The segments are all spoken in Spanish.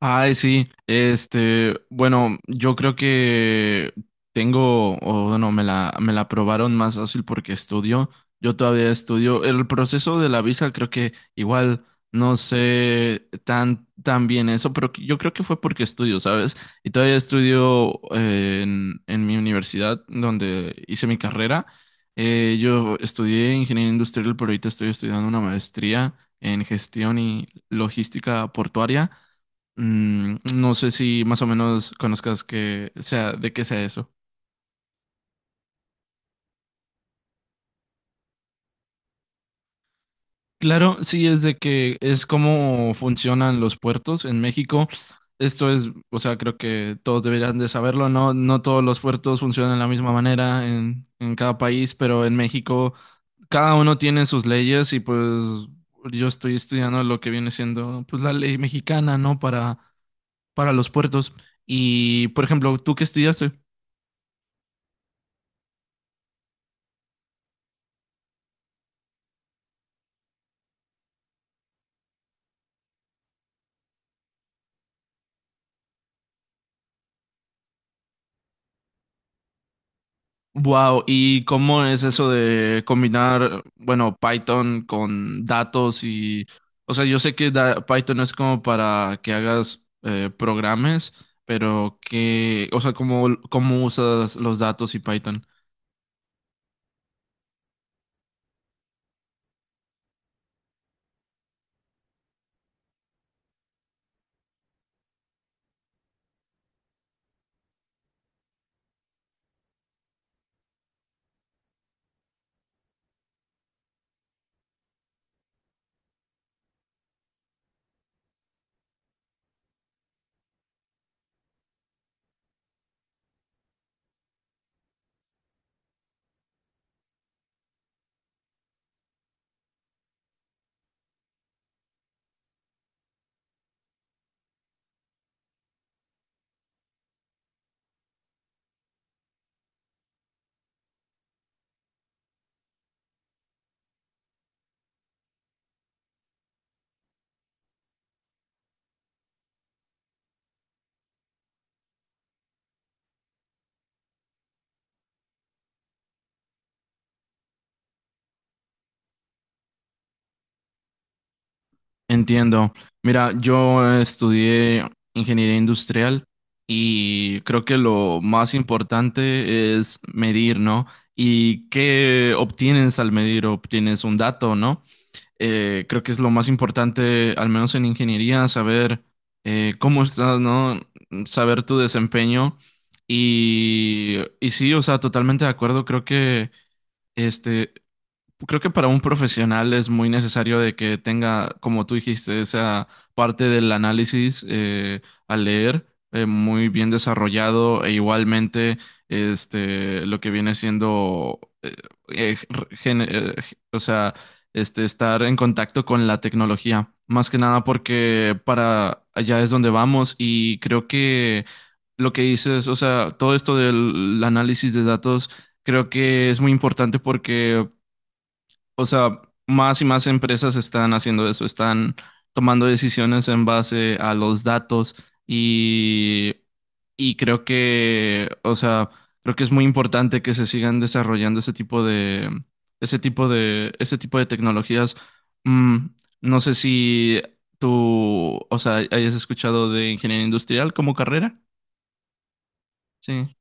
Ay, sí, bueno, yo creo que me la aprobaron más fácil porque estudio, yo todavía estudio. El proceso de la visa creo que igual no sé tan bien eso, pero yo creo que fue porque estudio, ¿sabes? Y todavía estudio en mi universidad donde hice mi carrera. Yo estudié ingeniería industrial, pero ahorita estoy estudiando una maestría en gestión y logística portuaria. Mm, no sé si más o menos conozcas que sea de qué sea eso. Claro, sí es de que es cómo funcionan los puertos en México. Esto es, o sea, creo que todos deberían de saberlo, ¿no? No todos los puertos funcionan de la misma manera en cada país, pero en México cada uno tiene sus leyes y pues yo estoy estudiando lo que viene siendo pues la ley mexicana, ¿no? Para los puertos. Y, por ejemplo, ¿tú qué estudiaste? Wow, ¿y cómo es eso de combinar, bueno, Python con datos y, o sea, yo sé que Python es como para que hagas programas, pero que, o sea, cómo usas los datos y Python? Entiendo. Mira, yo estudié ingeniería industrial y creo que lo más importante es medir, ¿no? ¿Y qué obtienes al medir? Obtienes un dato, ¿no? Creo que es lo más importante, al menos en ingeniería, saber cómo estás, ¿no? Saber tu desempeño. Y sí, o sea, totalmente de acuerdo. Este, Creo que para un profesional es muy necesario de que tenga, como tú dijiste, esa parte del análisis al leer muy bien desarrollado e igualmente lo que viene siendo, eh, gen- eh, o sea, estar en contacto con la tecnología. Más que nada porque para allá es donde vamos y creo que lo que dices, o sea, todo esto del análisis de datos creo que es muy importante porque, o sea, más y más empresas están haciendo eso, están tomando decisiones en base a los datos y, y creo que, o sea, creo que es muy importante que se sigan desarrollando ese tipo de, ese tipo de tecnologías. Mm, no sé si tú, o sea, hayas escuchado de ingeniería industrial como carrera. Sí.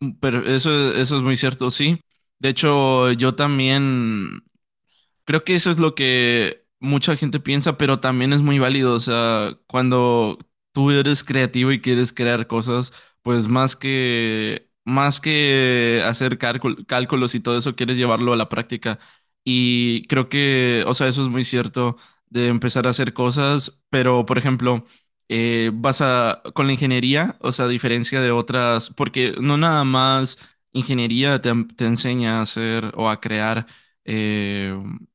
Mm, pero eso es muy cierto, sí. De hecho, yo también, creo que eso es lo que mucha gente piensa, pero también es muy válido. O sea, cuando tú eres creativo y quieres crear cosas, pues más que hacer cálculos y todo eso, quieres llevarlo a la práctica. Y creo que, o sea, eso es muy cierto de empezar a hacer cosas, pero por ejemplo, vas a, con la ingeniería, o sea, a diferencia de otras, porque no nada más ingeniería te enseña a hacer o a crear eh,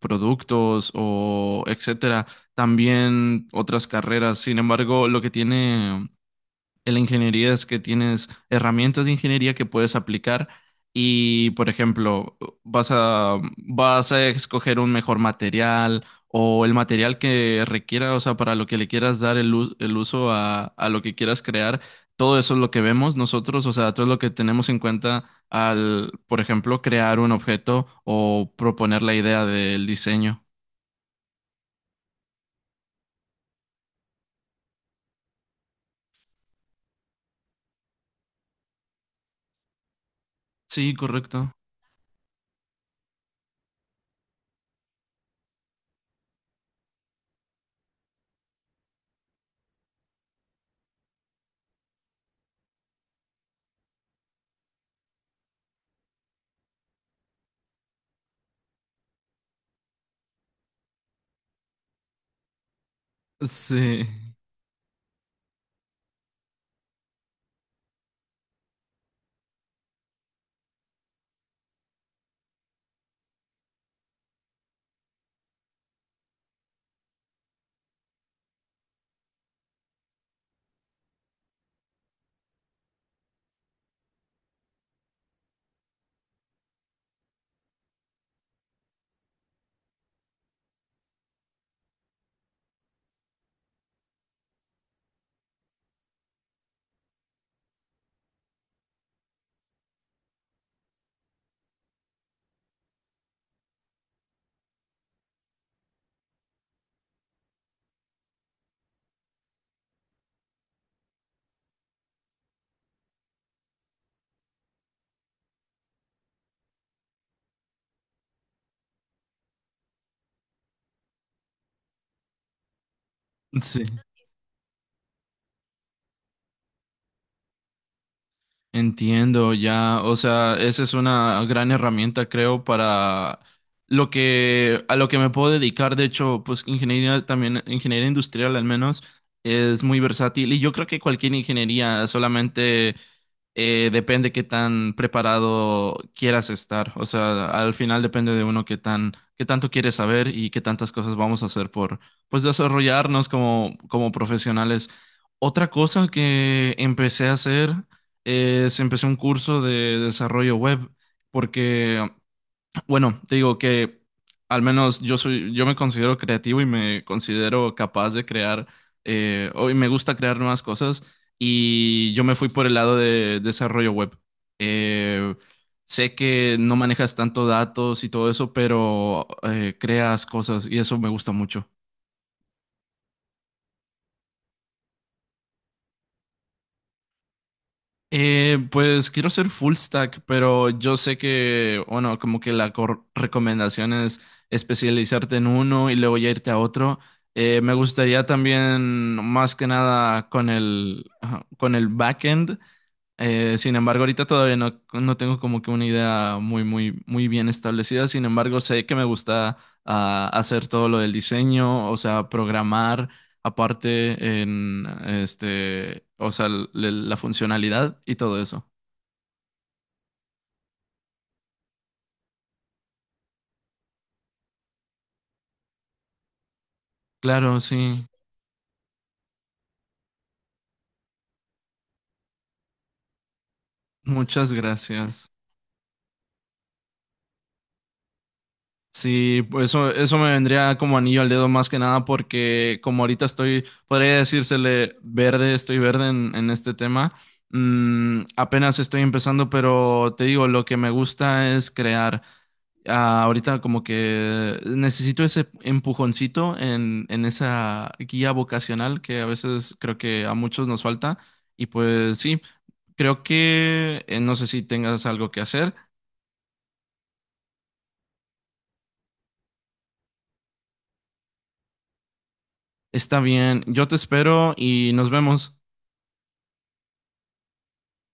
productos o etcétera, también otras carreras. Sin embargo, lo que tiene en la ingeniería es que tienes herramientas de ingeniería que puedes aplicar y, por ejemplo, vas a escoger un mejor material o el material que requiera, o sea, para lo que le quieras dar el uso a lo que quieras crear. Todo eso es lo que vemos nosotros, o sea, todo es lo que tenemos en cuenta al, por ejemplo, crear un objeto o proponer la idea del diseño. Sí, correcto. Sí, sí. Entiendo, ya, o sea, esa es una gran herramienta, creo, para lo que, a lo que me puedo dedicar. De hecho, pues ingeniería también, ingeniería industrial al menos, es muy versátil. Y yo creo que cualquier ingeniería solamente depende qué tan preparado quieras estar. O sea, al final depende de uno qué tan, qué tanto quieres saber y qué tantas cosas vamos a hacer por, pues, desarrollarnos como, como profesionales. Otra cosa que empecé a hacer es, empecé un curso de desarrollo web porque, bueno, te digo que al menos yo soy, yo me considero creativo y me considero capaz de crear, y me gusta crear nuevas cosas y yo me fui por el lado de desarrollo web. Eh, Sé que no manejas tanto datos y todo eso, pero creas cosas y eso me gusta mucho. Pues quiero ser full stack, pero yo sé que, bueno, como que la recomendación es especializarte en uno y luego ya irte a otro. Me gustaría también, más que nada, con el, ajá, con el backend. Sin embargo, ahorita todavía no tengo como que una idea muy, muy bien establecida. Sin embargo, sé que me gusta hacer todo lo del diseño, o sea, programar aparte en este, o sea, la funcionalidad y todo eso. Claro, sí. Muchas gracias. Sí, pues eso me vendría como anillo al dedo más que nada porque como ahorita estoy, podría decírsele verde, estoy verde en este tema. Mm, apenas estoy empezando, pero te digo, lo que me gusta es crear. Ah, ahorita como que necesito ese empujoncito en esa guía vocacional que a veces creo que a muchos nos falta. Y pues sí, creo que no sé si tengas algo que hacer. Está bien, yo te espero y nos vemos.